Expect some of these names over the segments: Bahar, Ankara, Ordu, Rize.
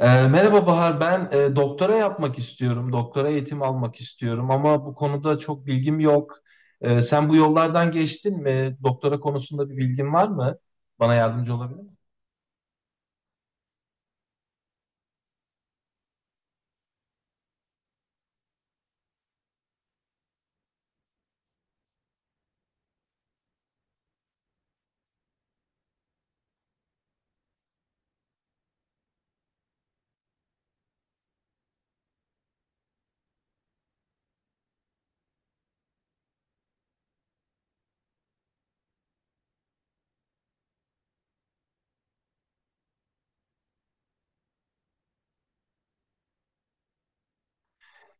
Merhaba Bahar, ben doktora yapmak istiyorum, doktora eğitim almak istiyorum ama bu konuda çok bilgim yok. Sen bu yollardan geçtin mi? Doktora konusunda bir bilgin var mı? Bana yardımcı olabilir.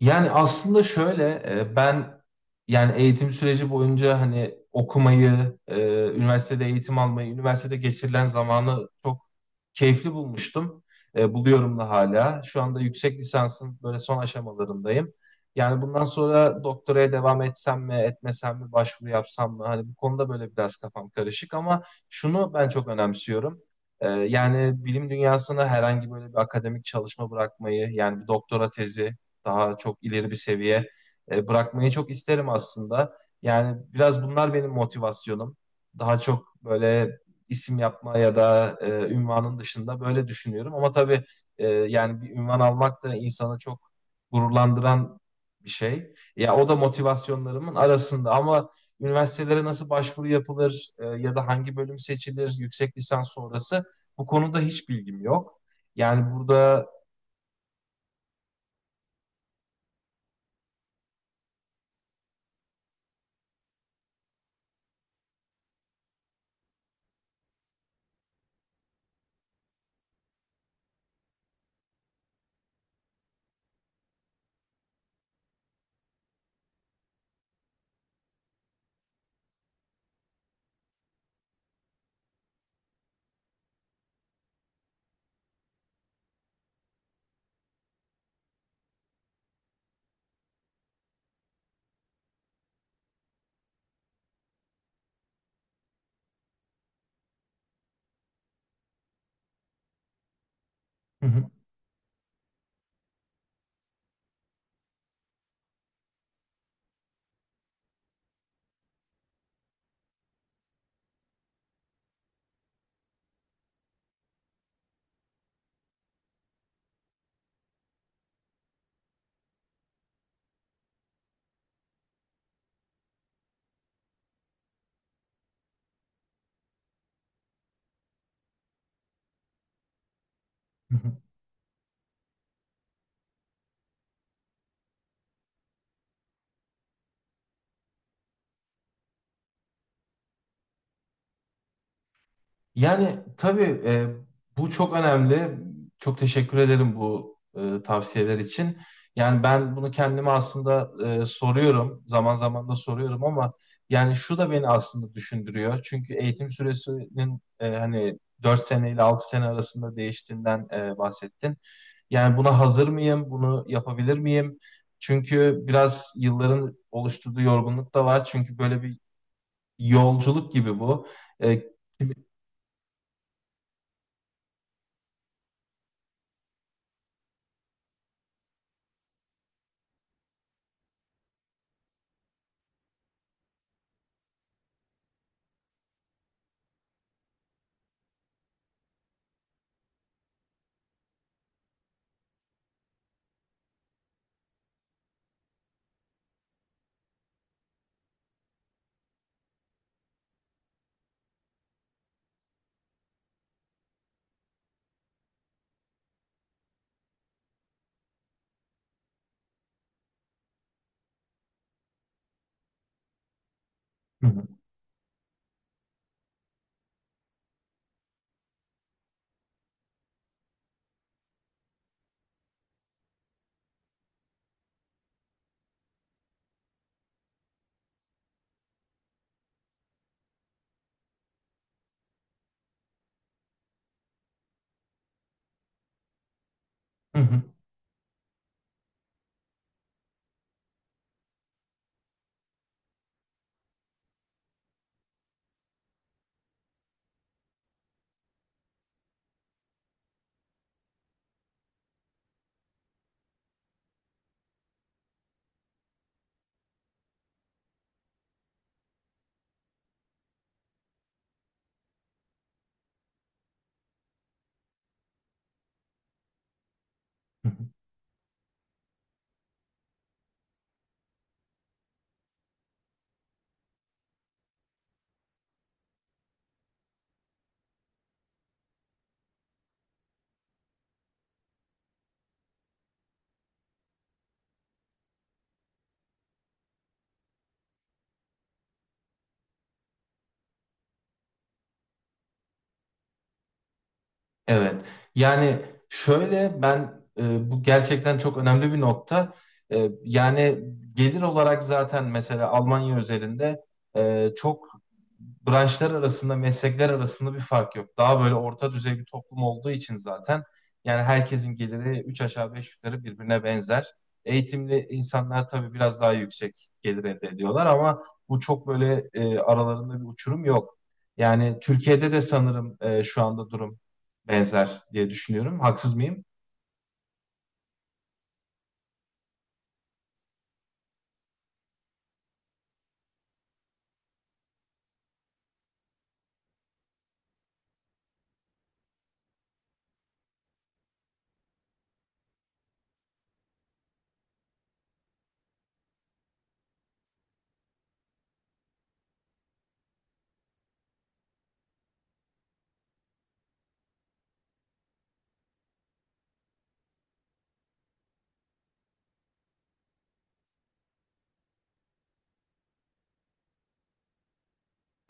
Yani aslında şöyle, ben, yani eğitim süreci boyunca hani okumayı, üniversitede eğitim almayı, üniversitede geçirilen zamanı çok keyifli bulmuştum. Buluyorum da hala. Şu anda yüksek lisansın böyle son aşamalarındayım. Yani bundan sonra doktoraya devam etsem mi, etmesem mi, başvuru yapsam mı? Hani bu konuda böyle biraz kafam karışık ama şunu ben çok önemsiyorum. Yani bilim dünyasına herhangi böyle bir akademik çalışma bırakmayı, yani bir doktora tezi, daha çok ileri bir seviye, bırakmayı çok isterim aslında. Yani biraz bunlar benim motivasyonum. Daha çok böyle isim yapma ya da ünvanın dışında böyle düşünüyorum. Ama tabii, yani bir ünvan almak da insanı çok gururlandıran bir şey. Ya o da motivasyonlarımın arasında ama üniversitelere nasıl başvuru yapılır, ya da hangi bölüm seçilir yüksek lisans sonrası, bu konuda hiç bilgim yok. Yani burada yani tabii, bu çok önemli. Çok teşekkür ederim bu tavsiyeler için. Yani ben bunu kendime aslında, soruyorum. Zaman zaman da soruyorum ama yani şu da beni aslında düşündürüyor. Çünkü eğitim süresinin, hani 4 sene ile 6 sene arasında değiştiğinden, bahsettin. Yani buna hazır mıyım? Bunu yapabilir miyim? Çünkü biraz yılların oluşturduğu yorgunluk da var. Çünkü böyle bir yolculuk gibi bu. E, Hı hı, hı hı. Evet. Yani şöyle, ben, bu gerçekten çok önemli bir nokta. Yani gelir olarak zaten mesela Almanya özelinde, çok, branşlar arasında, meslekler arasında bir fark yok. Daha böyle orta düzey bir toplum olduğu için zaten yani herkesin geliri üç aşağı beş yukarı birbirine benzer. Eğitimli insanlar tabii biraz daha yüksek gelir elde ediyorlar ama bu çok böyle, aralarında bir uçurum yok. Yani Türkiye'de de sanırım, şu anda durum benzer diye düşünüyorum. Haksız mıyım?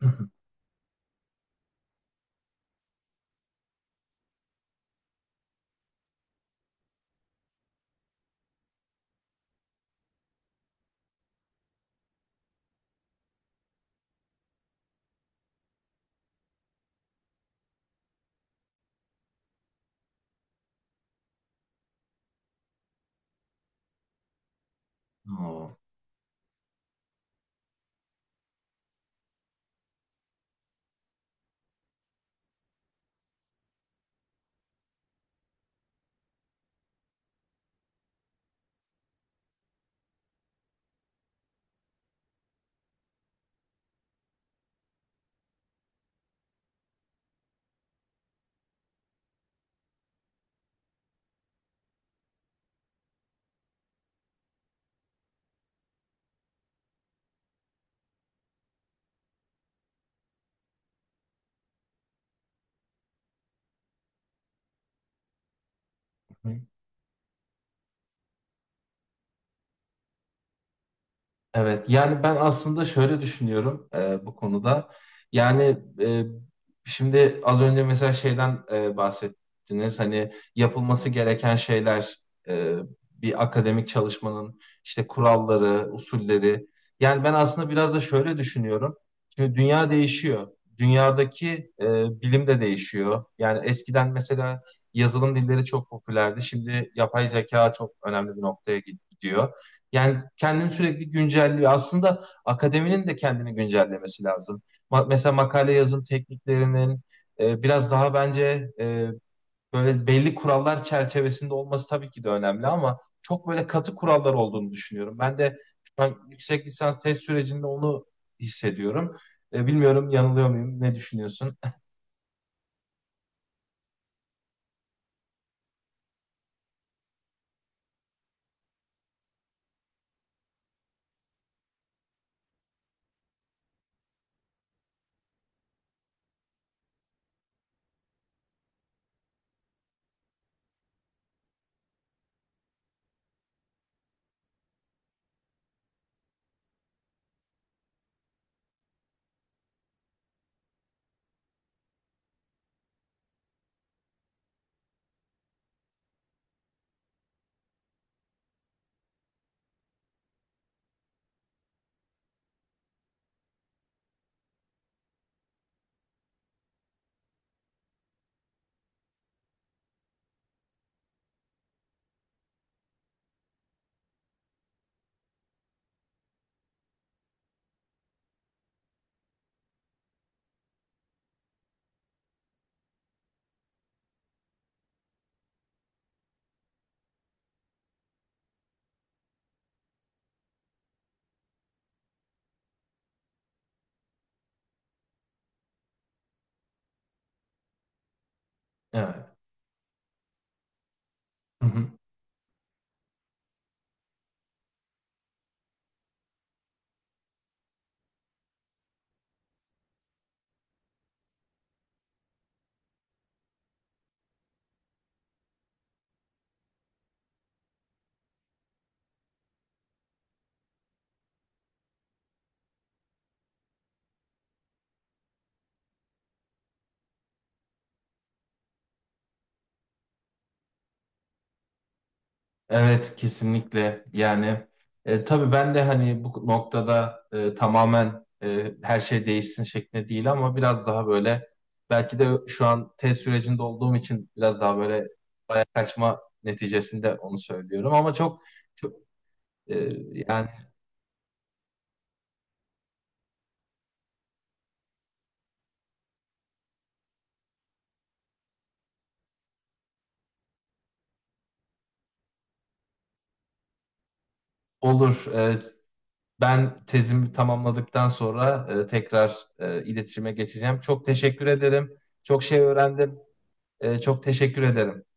Oo. Evet, yani ben aslında şöyle düşünüyorum, bu konuda. Yani e, şimdi az önce mesela şeyden bahsettiniz. Hani yapılması gereken şeyler, e, bir akademik çalışmanın işte kuralları, usulleri. Yani ben aslında biraz da şöyle düşünüyorum. Şimdi dünya değişiyor. Dünyadaki, bilim de değişiyor. Yani eskiden mesela yazılım dilleri çok popülerdi. Şimdi yapay zeka çok önemli bir noktaya gidiyor. Yani kendini sürekli güncelliyor. Aslında akademinin de kendini güncellemesi lazım. Mesela makale yazım tekniklerinin, biraz daha bence, böyle belli kurallar çerçevesinde olması tabii ki de önemli ama çok böyle katı kurallar olduğunu düşünüyorum. Ben de şu an yüksek lisans test sürecinde onu hissediyorum. Bilmiyorum, yanılıyor muyum? Ne düşünüyorsun? Evet. Hı hı. Evet, kesinlikle, yani tabii ben de hani bu noktada, tamamen, her şey değişsin şeklinde değil ama biraz daha böyle, belki de şu an tez sürecinde olduğum için biraz daha böyle bayağı kaçma neticesinde onu söylüyorum ama çok çok, e, yani olur. Ben tezimi tamamladıktan sonra, tekrar, iletişime geçeceğim. Çok teşekkür ederim. Çok şey öğrendim. Çok teşekkür ederim.